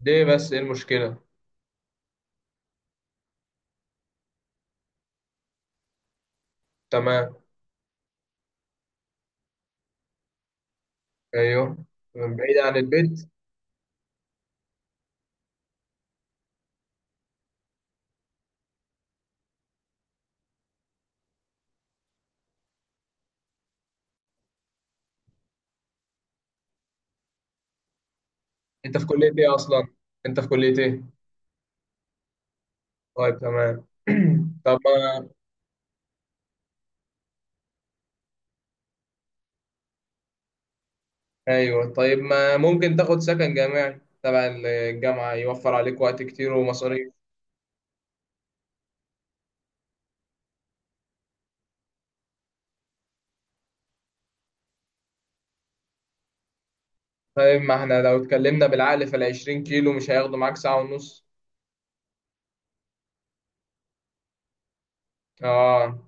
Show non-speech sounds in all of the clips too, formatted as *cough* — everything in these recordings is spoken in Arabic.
ليه بس ايه المشكلة؟ تمام. ايوه. من بعيد عن البيت. انت في كلية ايه اصلا؟ انت في كلية ايه؟ طيب تمام. *clears throat* طب ما ايوه، طيب ما ممكن تاخد سكن جامعي تبع الجامعة، يوفر عليك وقت كتير ومصاريف. طيب ما احنا لو اتكلمنا بالعقل، فالعشرين كيلو مش هياخدوا معاك ساعة ونص. اه.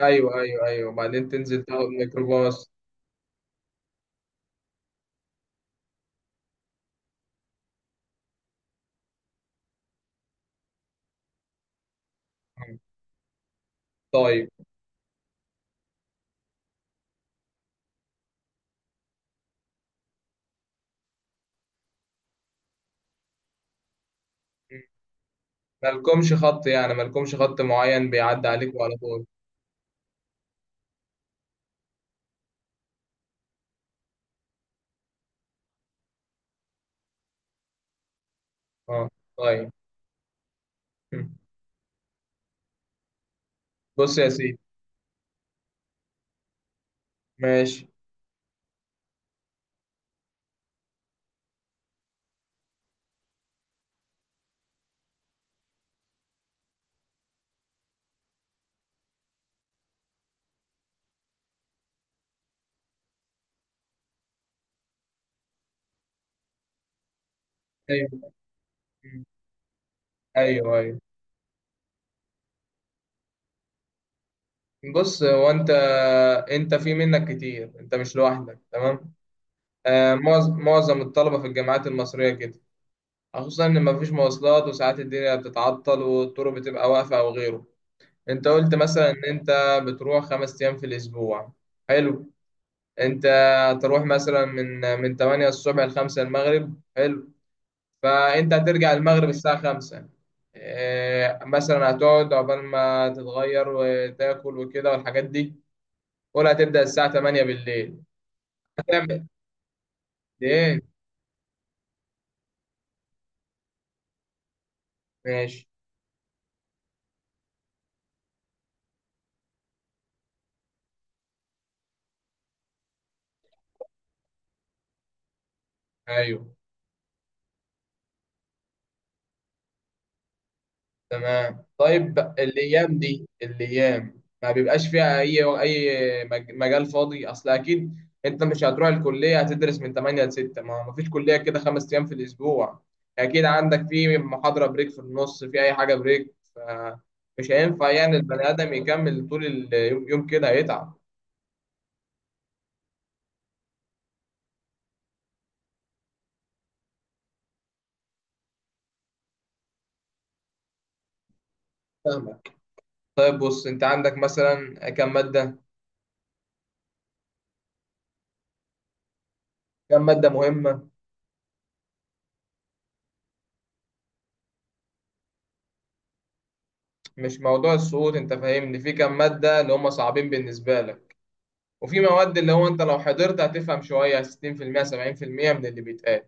ايوه ايوه ايوه، بعدين تنزل تاخد ميكروباص. طيب مالكمش خط؟ يعني مالكمش خط معين بيعدي عليكوا على طول؟ اه. طيب بص يا سيدي، ماشي. ايوه ايوه ايوه، بص هو انت، انت في منك كتير، انت مش لوحدك تمام. آه، معظم الطلبه في الجامعات المصريه كده، خصوصا ان مفيش مواصلات وساعات الدنيا بتتعطل والطرق بتبقى واقفه او غيره. انت قلت مثلا ان انت بتروح 5 ايام في الاسبوع، حلو. انت هتروح مثلا من 8 الصبح ل 5 المغرب، حلو. فانت هترجع المغرب الساعة 5. مثلا هتقعد عقبال ما تتغير وتاكل وكده والحاجات دي، قول هتبدأ الساعة 8 بالليل. هتعمل ايه؟ ماشي. ايوه تمام. طيب الايام دي الايام ما بيبقاش فيها اي مجال فاضي، اصل اكيد انت مش هتروح الكليه هتدرس من 8 ل 6، ما فيش كليه كده 5 ايام في الاسبوع. اكيد عندك في محاضره بريك في النص، في اي حاجه بريك، فمش هينفع يعني البني ادم يكمل طول اليوم، يوم كده هيتعب. فاهمك. طيب بص، انت عندك مثلا كم ماده؟ كم ماده مهمه؟ مش موضوع السقوط، انت فاهمني، في كم ماده اللي هم صعبين بالنسبه لك وفي مواد اللي هو انت لو حضرت هتفهم شوية 60% 70% من اللي بيتقال.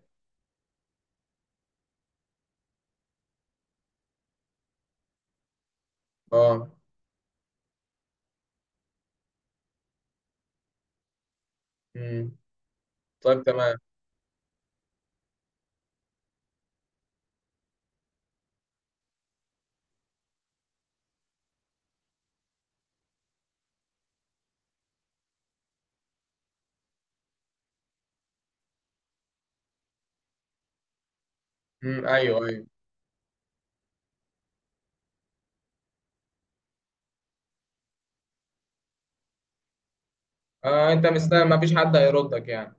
اه. امم. طيب تمام. امم. ايوه ايوه. آه انت مستني ما فيش حد هيردك يعني.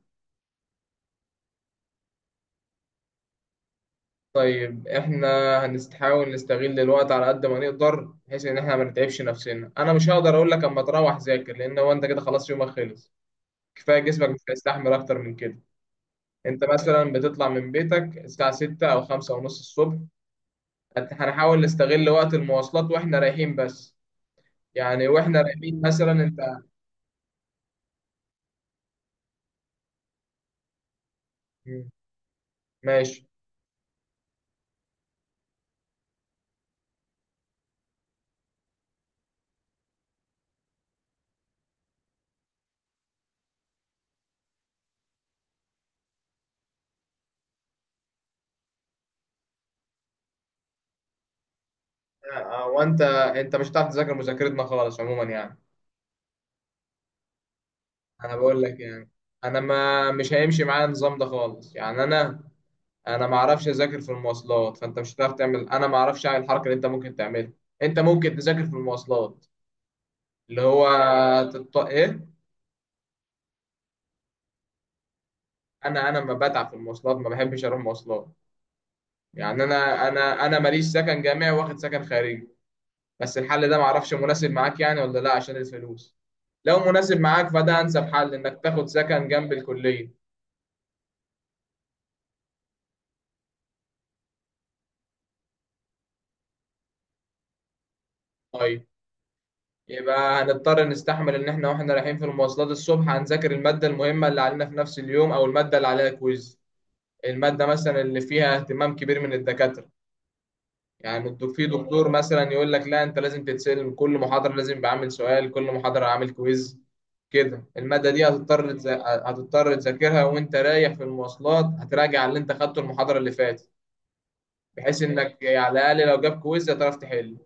طيب احنا هنحاول نستغل الوقت على قد ما نقدر، بحيث ان احنا ما نتعبش نفسنا. انا مش هقدر اقول لك اما تروح ذاكر، لان هو انت كده خلاص يومك خلص، كفايه جسمك مش هيستحمل اكتر من كده. انت مثلا بتطلع من بيتك الساعه 6 او 5 ونص الصبح، هنحاول نستغل وقت المواصلات واحنا رايحين بس. يعني واحنا رايحين مثلا انت مم. ماشي. وانت انت مش هتعرف تذاكر مذاكرتنا خالص عموما يعني. انا بقول لك يعني، انا ما مش هيمشي معايا النظام ده خالص، يعني انا انا ما اعرفش اذاكر في المواصلات، فانت مش هتعرف تعمل، انا ما اعرفش اعمل الحركه اللي انت ممكن تعملها. انت ممكن تذاكر في المواصلات، اللي هو ايه. انا ما بتعب في المواصلات، ما بحبش اروح مواصلات. يعني انا انا ماليش سكن جامعي، واخد سكن خارجي. بس الحل ده معرفش مناسب معاك يعني ولا لا، عشان الفلوس. لو مناسب معاك فده انسب حل، انك تاخد سكن جنب الكلية. طيب، يبقى هنضطر نستحمل ان احنا واحنا رايحين في المواصلات الصبح، هنذاكر المادة المهمة اللي علينا في نفس اليوم او المادة اللي عليها كويز. المادة مثلا اللي فيها اهتمام كبير من الدكاترة، يعني في دكتور مثلا يقول لك لا انت لازم تتسلم كل محاضرة، لازم بعمل سؤال كل محاضرة، عامل كويز. كده المادة دي هتضطر هتضطر تذاكرها، وانت رايح في المواصلات هتراجع اللي انت خدته المحاضرة اللي فاتت، بحيث انك يعني على الأقل لو جاب كويز هتعرف تحل.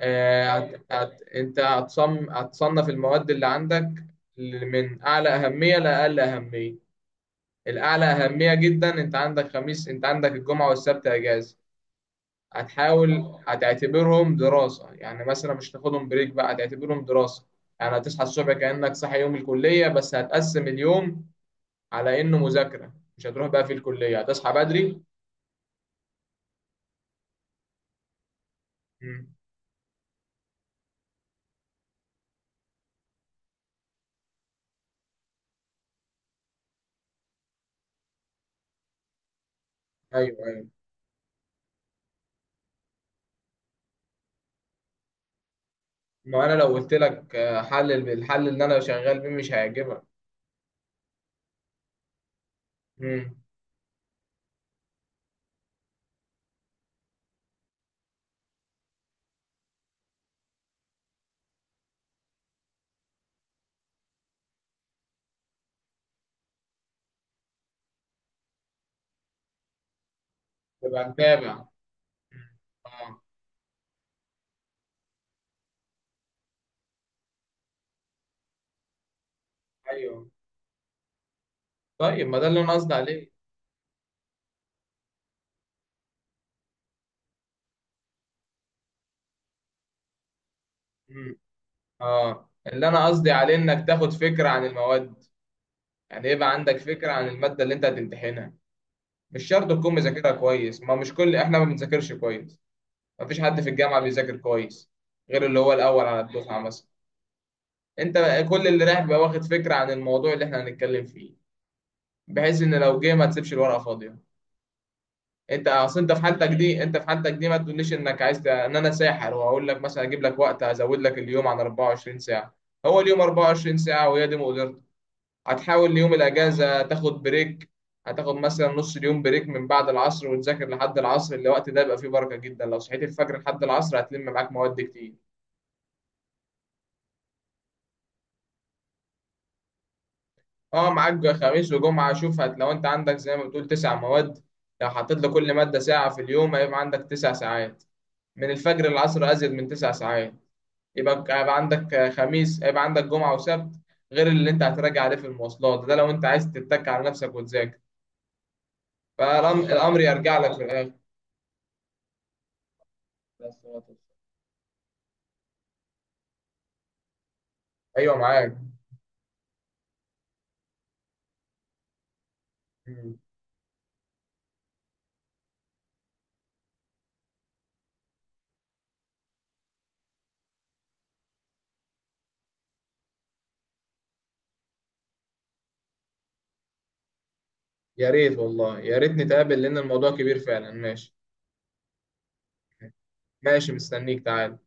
انت هتصنف المواد اللي عندك من أعلى أهمية لأقل أهمية. الأعلى أهمية جدا، انت عندك خميس، انت عندك الجمعة والسبت أجازة، هتحاول هتعتبرهم دراسة يعني، مثلا مش تاخدهم بريك بقى، هتعتبرهم دراسة. يعني هتصحى الصبح كأنك صاحي يوم الكلية، بس هتقسم اليوم على انه مذاكره، مش هتروح بقى في الكليه، هتصحى بدري. مم. ايوه ايوه. ما انا لو قلت لك حل، الحل اللي انا شغال بيه مش هيعجبك. مم. تبقى متابع. مم. اه. ايوه طيب ما ده اللي انا قصدي عليه. مم. اه، اللي انا قصدي عليه انك تاخد فكره عن المواد، يعني يبقى عندك فكره عن الماده اللي انت هتمتحنها، مش شرط تكون مذاكرها كويس، ما مش كل احنا ما بنذاكرش كويس، ما فيش حد في الجامعه بيذاكر كويس غير اللي هو الاول على الدفعه مثلا. انت كل اللي رايح بيبقى واخد فكره عن الموضوع اللي احنا هنتكلم فيه، بحيث ان لو جه ما تسيبش الورقه فاضيه. انت اصل انت في حالتك دي انت في حالتك دي ما تقوليش انك عايز ان انا ساحر، واقول لك مثلا اجيب لك وقت ازود لك اليوم عن 24 ساعه. هو اليوم 24 ساعه وهي دي مقدرته. هتحاول يوم الاجازه تاخد بريك، هتاخد مثلا نص اليوم بريك، من بعد العصر وتذاكر لحد العصر، الوقت ده يبقى فيه بركه جدا، لو صحيت الفجر لحد العصر هتلم معاك مواد كتير. اه، معاك خميس وجمعة، شوف هت لو انت عندك زي ما بتقول 9 مواد، لو حطيت لكل مادة ساعة في اليوم هيبقى عندك 9 ساعات، من الفجر للعصر أزيد من 9 ساعات، يبقى هيبقى عندك خميس، هيبقى عندك جمعة وسبت، غير اللي انت هتراجع عليه في المواصلات ده، لو انت عايز تتك على نفسك وتذاكر، فالأمر يرجع لك في الآخر. ايوه معاك. مم. يا ريت والله، يا ريت نتقابل لأن الموضوع كبير فعلا. ماشي ماشي، مستنيك تعال.